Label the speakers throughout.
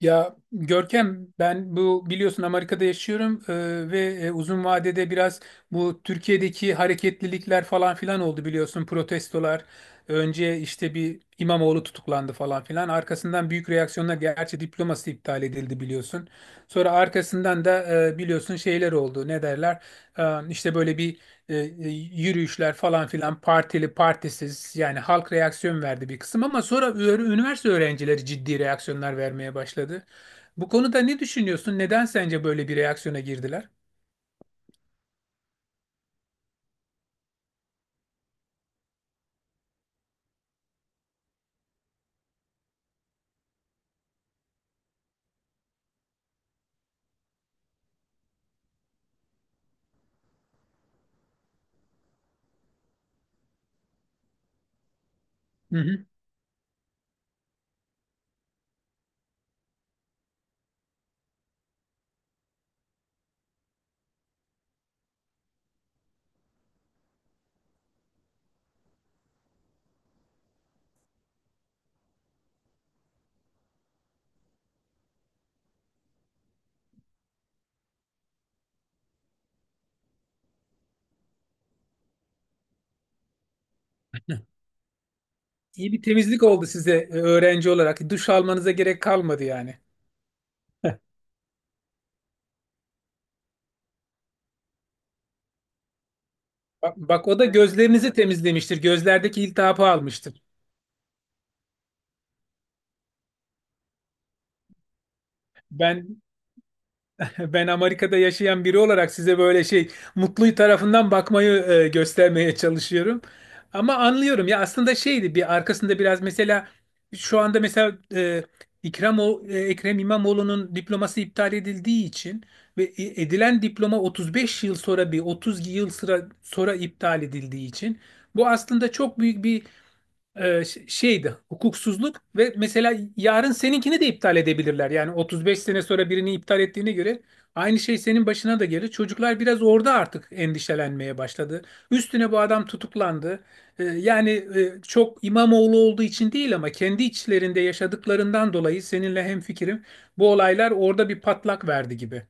Speaker 1: Ya Görkem, ben bu biliyorsun Amerika'da yaşıyorum, ve uzun vadede biraz bu Türkiye'deki hareketlilikler falan filan oldu, biliyorsun, protestolar. Önce işte bir İmamoğlu tutuklandı falan filan. Arkasından büyük reaksiyonlar, gerçi diploması iptal edildi biliyorsun. Sonra arkasından da biliyorsun şeyler oldu, ne derler, E, işte böyle bir yürüyüşler falan filan, partili partisiz, yani halk reaksiyon verdi bir kısım, ama sonra üniversite öğrencileri ciddi reaksiyonlar vermeye başladı. Bu konuda ne düşünüyorsun? Neden sence böyle bir reaksiyona girdiler? Hı hı. İyi bir temizlik oldu size öğrenci olarak. Duş almanıza gerek kalmadı yani. Bak, bak, o da gözlerinizi temizlemiştir. Gözlerdeki iltihabı almıştır. Ben ben Amerika'da yaşayan biri olarak size böyle şey, mutlu tarafından bakmayı göstermeye çalışıyorum. Ama anlıyorum ya, aslında şeydi, bir arkasında biraz, mesela şu anda mesela Ekrem İmamoğlu'nun diploması iptal edildiği için ve edilen diploma 35 yıl sonra bir 30 yıl sıra, sonra iptal edildiği için, bu aslında çok büyük bir şeydi, hukuksuzluk. Ve mesela yarın seninkini de iptal edebilirler. Yani 35 sene sonra birini iptal ettiğine göre aynı şey senin başına da gelir. Çocuklar biraz orada artık endişelenmeye başladı. Üstüne bu adam tutuklandı. Yani çok İmamoğlu olduğu için değil, ama kendi içlerinde yaşadıklarından dolayı seninle hemfikirim. Bu olaylar orada bir patlak verdi gibi.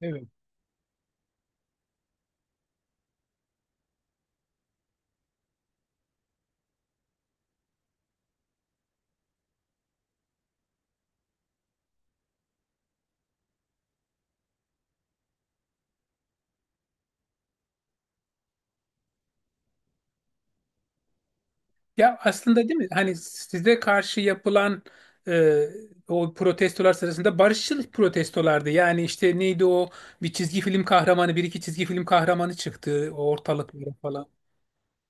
Speaker 1: Evet. Ya aslında değil mi? Hani size karşı yapılan e, o protestolar sırasında, barışçıl protestolardı. Yani işte neydi o, bir çizgi film kahramanı, bir iki çizgi film kahramanı çıktı ortalıklara falan.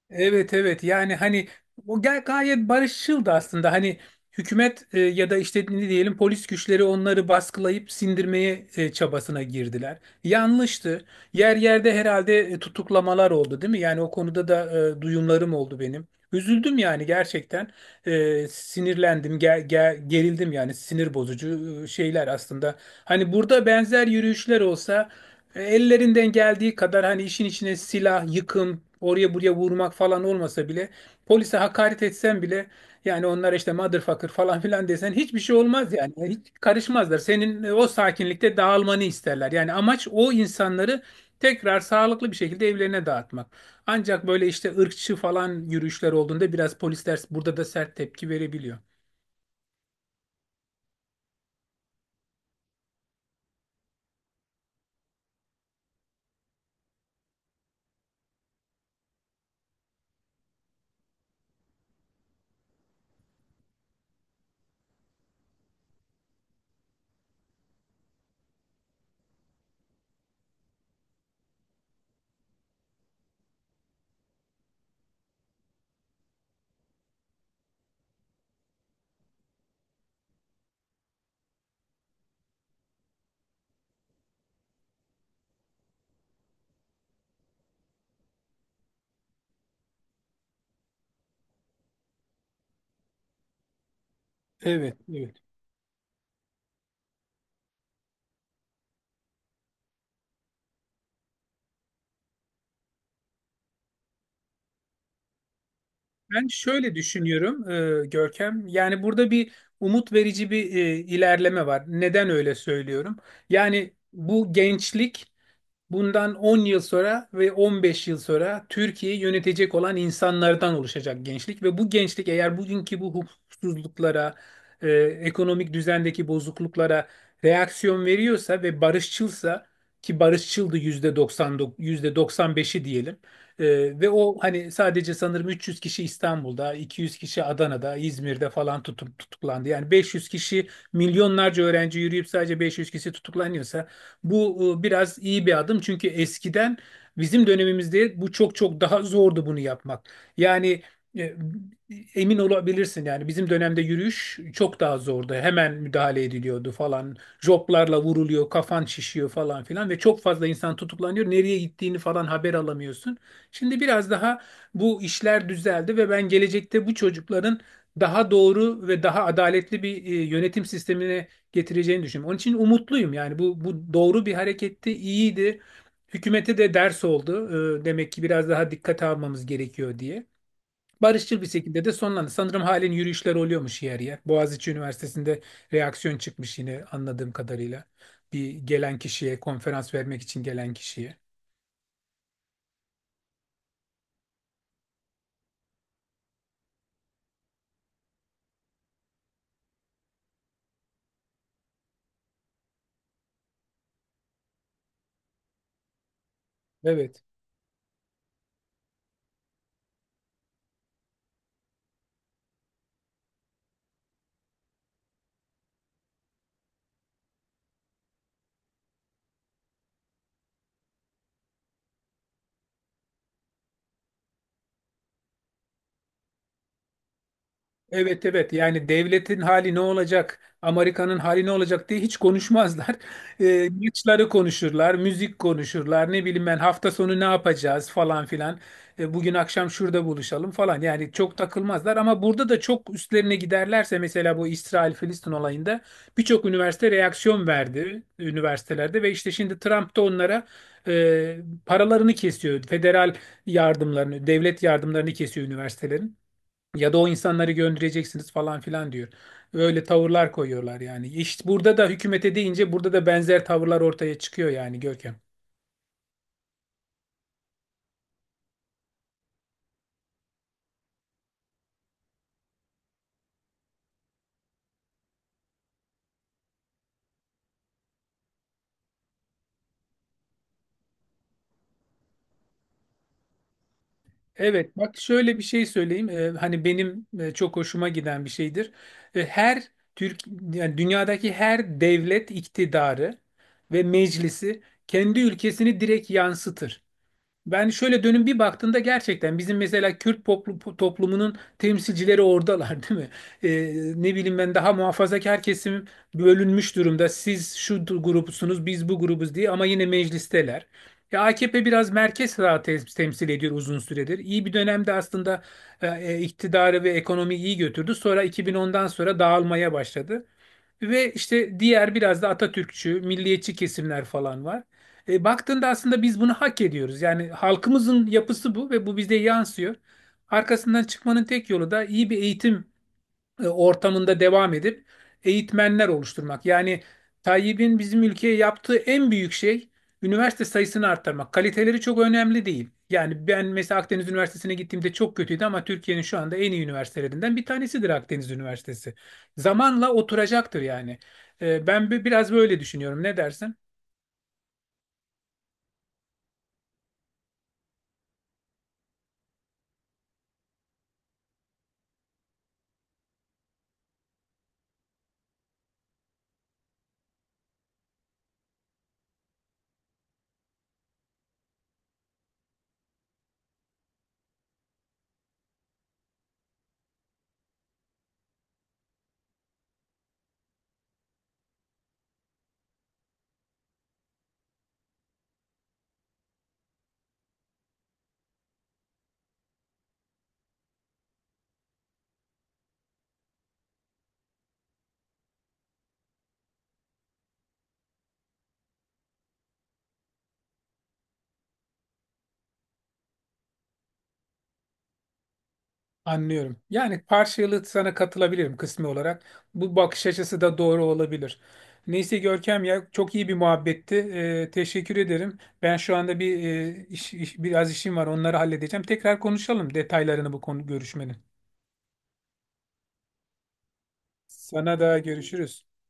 Speaker 1: Evet, evet, yani hani o gayet barışçıldı aslında. Hani hükümet, ya da işte ne diyelim, polis güçleri onları baskılayıp sindirmeye çabasına girdiler. Yanlıştı. Yer yerde herhalde tutuklamalar oldu değil mi? Yani o konuda da duyumlarım oldu benim. Üzüldüm yani gerçekten. Sinirlendim, gerildim, yani sinir bozucu şeyler aslında. Hani burada benzer yürüyüşler olsa, ellerinden geldiği kadar, hani işin içine silah, yıkım, oraya buraya vurmak falan olmasa bile, polise hakaret etsen bile, yani onlara işte motherfucker falan filan desen, hiçbir şey olmaz yani. Yani hiç karışmazlar. Senin o sakinlikte dağılmanı isterler. Yani amaç, o insanları tekrar sağlıklı bir şekilde evlerine dağıtmak. Ancak böyle işte ırkçı falan yürüyüşler olduğunda biraz polisler burada da sert tepki verebiliyor. Evet, evet. Ben şöyle düşünüyorum, Görkem. Yani burada bir umut verici bir ilerleme var. Neden öyle söylüyorum? Yani bu gençlik, bundan 10 yıl sonra ve 15 yıl sonra Türkiye'yi yönetecek olan insanlardan oluşacak gençlik, ve bu gençlik eğer bugünkü bu hukuksuzluklara, e, ekonomik düzendeki bozukluklara reaksiyon veriyorsa ve barışçılsa, ki barışçıldı, %99, %95'i diyelim. E, ve o hani sadece sanırım 300 kişi İstanbul'da, 200 kişi Adana'da, İzmir'de falan tutup tutuklandı. Yani 500 kişi, milyonlarca öğrenci yürüyüp sadece 500 kişi tutuklanıyorsa, bu biraz iyi bir adım, çünkü eskiden, bizim dönemimizde bu çok çok daha zordu, bunu yapmak. Yani e, emin olabilirsin yani bizim dönemde yürüyüş çok daha zordu. Hemen müdahale ediliyordu falan. Joplarla vuruluyor, kafan şişiyor falan filan, ve çok fazla insan tutuklanıyor. Nereye gittiğini falan haber alamıyorsun. Şimdi biraz daha bu işler düzeldi, ve ben gelecekte bu çocukların daha doğru ve daha adaletli bir yönetim sistemine getireceğini düşünüyorum. Onun için umutluyum, yani bu, bu doğru bir hareketti, iyiydi. Hükümete de ders oldu. Demek ki biraz daha dikkate almamız gerekiyor diye. Barışçıl bir şekilde de sonlandı. Sanırım halen yürüyüşler oluyormuş yer yer. Boğaziçi Üniversitesi'nde reaksiyon çıkmış yine, anladığım kadarıyla. Bir gelen kişiye, konferans vermek için gelen kişiye. Evet. Evet, evet, yani devletin hali ne olacak, Amerika'nın hali ne olacak diye hiç konuşmazlar. Maçları konuşurlar, müzik konuşurlar, ne bileyim ben, hafta sonu ne yapacağız falan filan. Bugün akşam şurada buluşalım falan, yani çok takılmazlar, ama burada da çok üstlerine giderlerse, mesela bu İsrail-Filistin olayında birçok üniversite reaksiyon verdi üniversitelerde, ve işte şimdi Trump da onlara e, paralarını kesiyor. Federal yardımlarını, devlet yardımlarını kesiyor üniversitelerin. Ya da o insanları göndereceksiniz falan filan diyor. Öyle tavırlar koyuyorlar yani. İşte burada da hükümete deyince burada da benzer tavırlar ortaya çıkıyor yani, Görkem. Evet, bak şöyle bir şey söyleyeyim. Hani benim çok hoşuma giden bir şeydir. Her Türk, yani dünyadaki her devlet, iktidarı ve meclisi kendi ülkesini direkt yansıtır. Ben şöyle dönüp bir baktığında gerçekten bizim mesela Kürt toplumunun temsilcileri oradalar değil mi? Ne bileyim ben, daha muhafazakar kesim bölünmüş durumda. Siz şu grupsunuz, biz bu grubuz diye, ama yine meclisteler. Ya AKP biraz merkez sağ temsil ediyor uzun süredir. İyi bir dönemde aslında iktidarı ve ekonomiyi iyi götürdü. Sonra 2010'dan sonra dağılmaya başladı. Ve işte diğer biraz da Atatürkçü, milliyetçi kesimler falan var. Baktığında aslında biz bunu hak ediyoruz. Yani halkımızın yapısı bu ve bu bize yansıyor. Arkasından çıkmanın tek yolu da iyi bir eğitim ortamında devam edip eğitmenler oluşturmak. Yani Tayyip'in bizim ülkeye yaptığı en büyük şey üniversite sayısını arttırmak. Kaliteleri çok önemli değil. Yani ben mesela Akdeniz Üniversitesi'ne gittiğimde çok kötüydü, ama Türkiye'nin şu anda en iyi üniversitelerinden bir tanesidir Akdeniz Üniversitesi. Zamanla oturacaktır yani. Ben biraz böyle düşünüyorum. Ne dersin? Anlıyorum. Yani parçalı sana katılabilirim, kısmi olarak. Bu bakış açısı da doğru olabilir. Neyse Görkem, ya çok iyi bir muhabbetti. Teşekkür ederim. Ben şu anda bir biraz işim var. Onları halledeceğim. Tekrar konuşalım detaylarını bu konu görüşmenin. Sana da, görüşürüz.